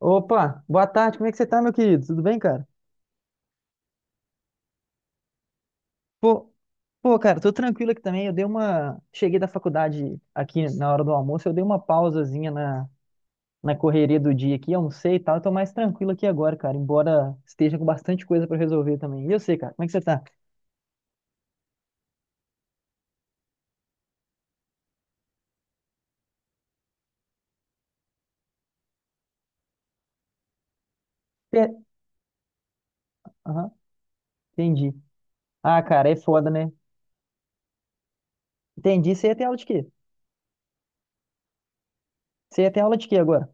Opa, boa tarde, como é que você tá, meu querido? Tudo bem, cara? Pô, pô, cara, tô tranquilo aqui também. Eu dei uma. Cheguei da faculdade aqui na hora do almoço, eu dei uma pausazinha na correria do dia aqui, almocei e tal. Eu tô mais tranquilo aqui agora, cara, embora esteja com bastante coisa pra resolver também. E eu sei, cara, como é que você tá? Per- Aham, entendi. Ah, cara, é foda, né? Entendi. Você ia ter aula de quê? Você ia ter aula de quê agora?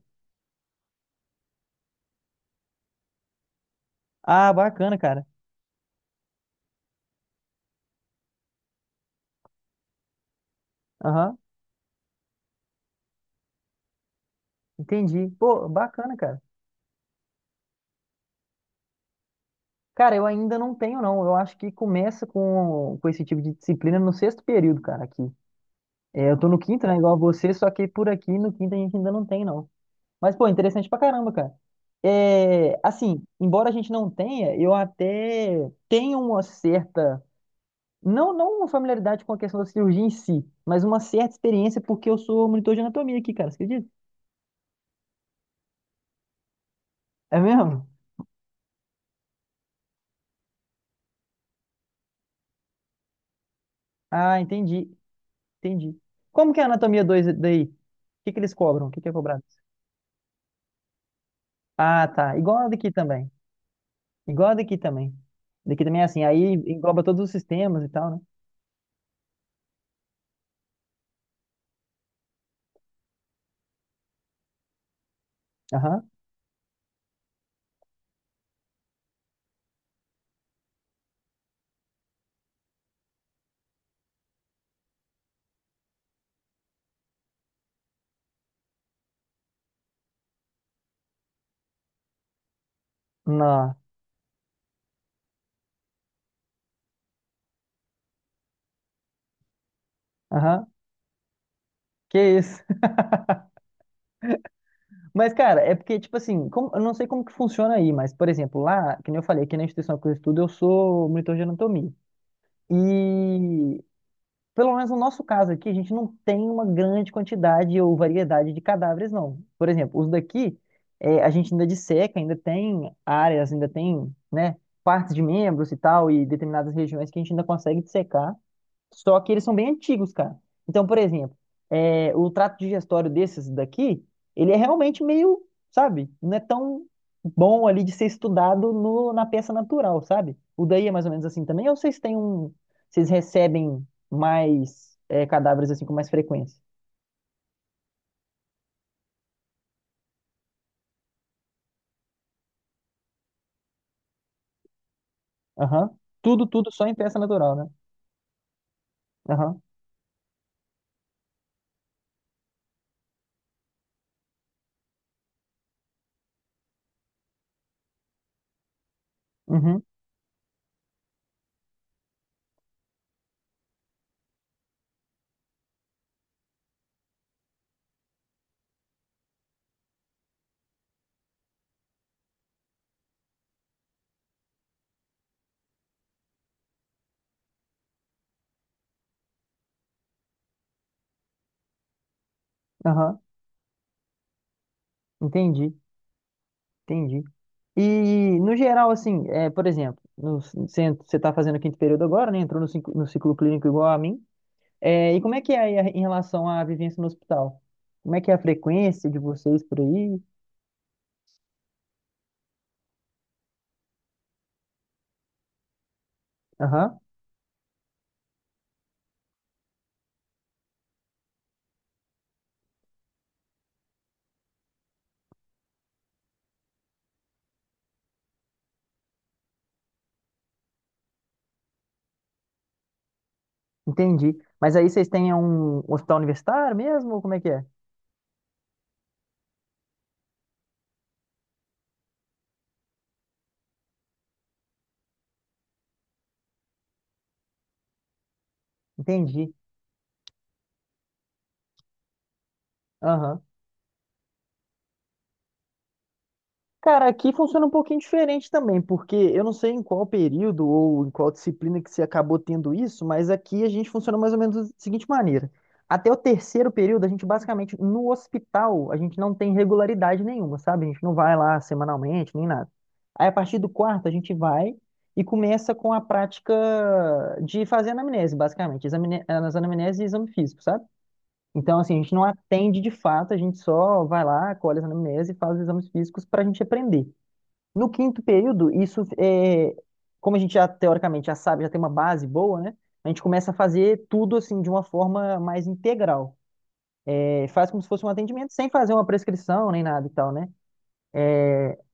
Ah, bacana, cara. Aham, entendi. Pô, bacana, cara. Cara, eu ainda não tenho, não. Eu acho que começa com esse tipo de disciplina no sexto período, cara, aqui. É, eu tô no quinto, né, igual você, só que por aqui no quinto a gente ainda não tem, não. Mas, pô, interessante pra caramba, cara. É, assim, embora a gente não tenha, eu até tenho uma certa, não, não uma familiaridade com a questão da cirurgia em si, mas uma certa experiência porque eu sou monitor de anatomia aqui, cara, você acredita? É mesmo? Ah, entendi, entendi. Como que é a anatomia 2 daí? O que que eles cobram? O que que é cobrado? Ah, tá. Igual a daqui também. Igual a daqui também. Daqui também é assim. Aí engloba todos os sistemas e tal, né? Aham. Não. Aham. Que isso. Mas, cara, é porque, tipo assim, eu não sei como que funciona aí, mas, por exemplo, lá, que nem eu falei, aqui na instituição que eu estudo, eu sou monitor de anatomia. E pelo menos no nosso caso aqui, a gente não tem uma grande quantidade ou variedade de cadáveres, não. Por exemplo, os daqui, a gente ainda disseca, ainda tem áreas, ainda tem, né, partes de membros e tal, e determinadas regiões que a gente ainda consegue dissecar. Só que eles são bem antigos, cara. Então, por exemplo, é, o trato digestório desses daqui, ele é realmente meio, sabe, não é tão bom ali de ser estudado no, na peça natural, sabe? O daí é mais ou menos assim também, ou vocês têm um. Vocês recebem mais é, cadáveres assim com mais frequência? Aham. Tudo, tudo só em peça natural, né? Aham. Uhum. Aham. Entendi. Entendi. E, no geral, assim, é, por exemplo, no, centro você está fazendo o quinto período agora, né? Entrou no ciclo clínico igual a mim. É, e como é que é aí em relação à vivência no hospital? Como é que é a frequência de vocês por aí? Aham, entendi. Mas aí vocês têm um hospital universitário mesmo? Ou como é que é? Entendi. Aham. Cara, aqui funciona um pouquinho diferente também, porque eu não sei em qual período ou em qual disciplina que você acabou tendo isso, mas aqui a gente funciona mais ou menos da seguinte maneira. Até o terceiro período, a gente basicamente, no hospital, a gente não tem regularidade nenhuma, sabe? A gente não vai lá semanalmente, nem nada. Aí, a partir do quarto, a gente vai e começa com a prática de fazer anamnese, basicamente, as anamneses e exame físico, sabe? Então, assim, a gente não atende de fato, a gente só vai lá, colhe as anamnese e faz os exames físicos para a gente aprender. No quinto período, isso é, como a gente já teoricamente já sabe, já tem uma base boa, né? A gente começa a fazer tudo assim de uma forma mais integral. É, faz como se fosse um atendimento sem fazer uma prescrição nem nada e tal, né?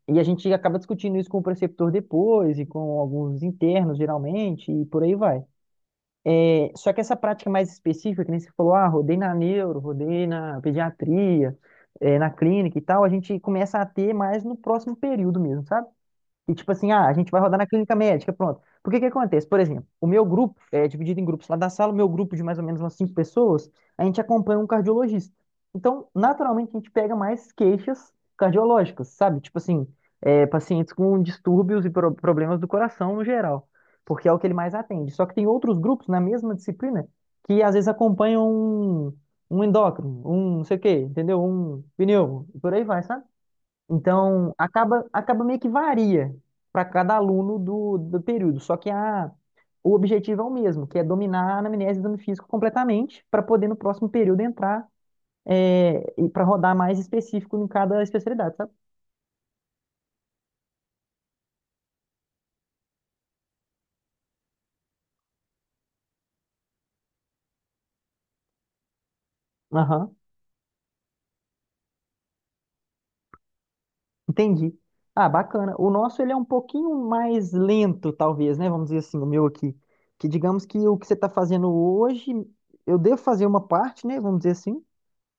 E a gente acaba discutindo isso com o preceptor depois e com alguns internos, geralmente, e por aí vai. É, só que essa prática mais específica, que nem você falou, ah, rodei na neuro, rodei na pediatria, é, na clínica e tal, a gente começa a ter mais no próximo período mesmo, sabe? E tipo assim, ah, a gente vai rodar na clínica médica, pronto. Por que que acontece? Por exemplo, o meu grupo é dividido em grupos lá da sala, o meu grupo de mais ou menos umas cinco pessoas, a gente acompanha um cardiologista. Então, naturalmente, a gente pega mais queixas cardiológicas, sabe? Tipo assim, é, pacientes com distúrbios e pro- problemas do coração no geral, porque é o que ele mais atende. Só que tem outros grupos na mesma disciplina que às vezes acompanham um, endócrino, um não sei o quê, entendeu? Um pneu, e por aí vai, sabe? Então, acaba meio que varia para cada aluno do período. Só que o objetivo é o mesmo, que é dominar a anamnese e exame físico completamente para poder no próximo período entrar e para rodar mais específico em cada especialidade, sabe? Aham, entendi. Ah, bacana. O nosso ele é um pouquinho mais lento, talvez, né? Vamos dizer assim, o meu aqui. Que digamos que o que você está fazendo hoje, eu devo fazer uma parte, né? Vamos dizer assim.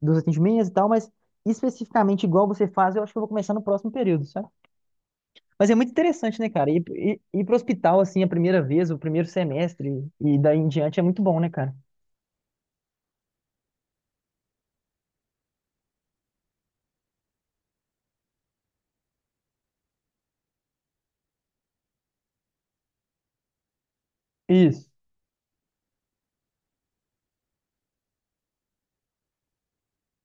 Dos atendimentos e tal, mas especificamente igual você faz, eu acho que eu vou começar no próximo período, sabe? Mas é muito interessante, né, cara? Ir pro hospital, assim, a primeira vez, o primeiro semestre e daí em diante é muito bom, né, cara? Isso.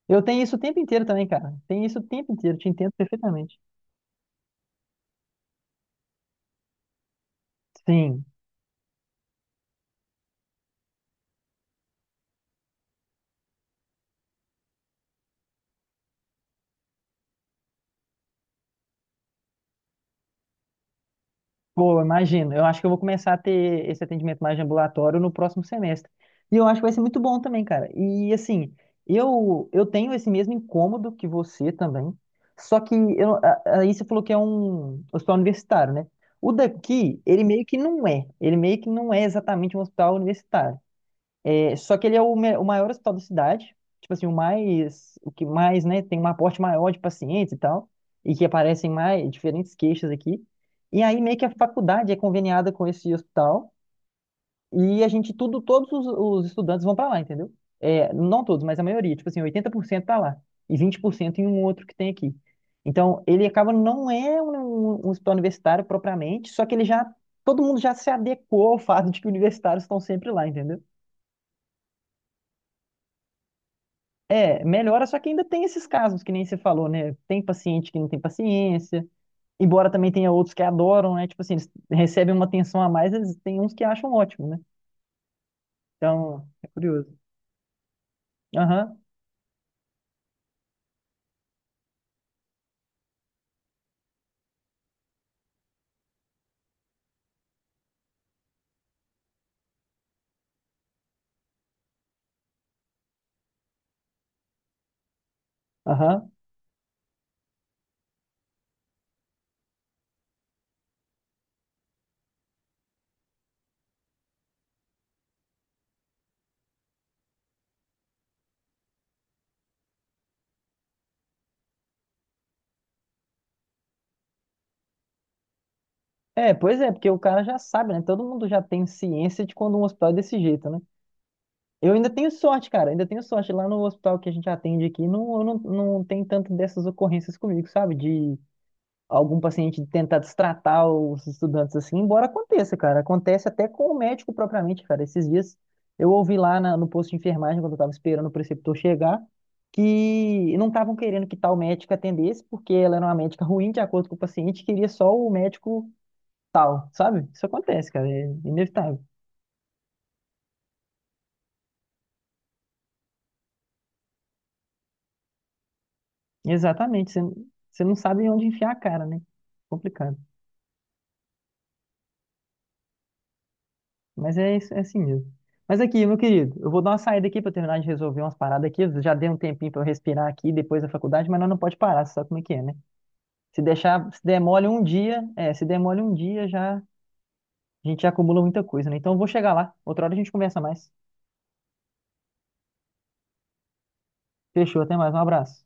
Eu tenho isso o tempo inteiro também, cara. Tenho isso o tempo inteiro, te entendo perfeitamente. Sim. Pô, imagino. Eu acho que eu vou começar a ter esse atendimento mais de ambulatório no próximo semestre. E eu acho que vai ser muito bom também, cara. E assim, eu tenho esse mesmo incômodo que você também. Só que eu, aí você falou que é um hospital universitário, né? O daqui, ele meio que não é. Ele meio que não é exatamente um hospital universitário. É, só que ele é o maior hospital da cidade, tipo assim, o mais, o que mais, né, tem um aporte maior de pacientes e tal, e que aparecem mais diferentes queixas aqui. E aí meio que a faculdade é conveniada com esse hospital e a gente tudo, todos os estudantes vão para lá, entendeu? É, não todos, mas a maioria, tipo assim, 80% tá lá e 20% em um outro que tem aqui. Então, ele acaba não é um, um hospital universitário propriamente, só que ele já todo mundo já se adequou ao fato de que universitários estão sempre lá, entendeu? É, melhora, só que ainda tem esses casos que nem você falou, né? Tem paciente que não tem paciência, embora também tenha outros que adoram, né? Tipo assim, eles recebem uma atenção a mais, eles tem uns que acham ótimo, né? Então, é curioso. Aham, aham. É, pois é, porque o cara já sabe, né? Todo mundo já tem ciência de quando um hospital é desse jeito, né? Eu ainda tenho sorte, cara, ainda tenho sorte. Lá no hospital que a gente atende aqui, não, não, não tem tanto dessas ocorrências comigo, sabe? De algum paciente tentar destratar os estudantes assim, embora aconteça, cara. Acontece até com o médico propriamente, cara. Esses dias eu ouvi lá no posto de enfermagem, quando eu tava esperando o preceptor chegar, que não estavam querendo que tal médico atendesse, porque ela era uma médica ruim, de acordo com o paciente, queria só o médico tal, sabe? Isso acontece, cara, é inevitável. Exatamente, você não sabe onde enfiar a cara, né? Complicado. Mas é, isso- é assim mesmo. Mas aqui, meu querido, eu vou dar uma saída aqui para terminar de resolver umas paradas aqui. Eu Já dei um tempinho para eu respirar aqui depois da faculdade, mas nós não pode parar, você sabe como é que é, né? Se deixar, se demole um dia, se demole um dia já, a gente já acumula muita coisa, né? Então eu vou chegar lá. Outra hora a gente conversa mais. Fechou, até mais, um abraço.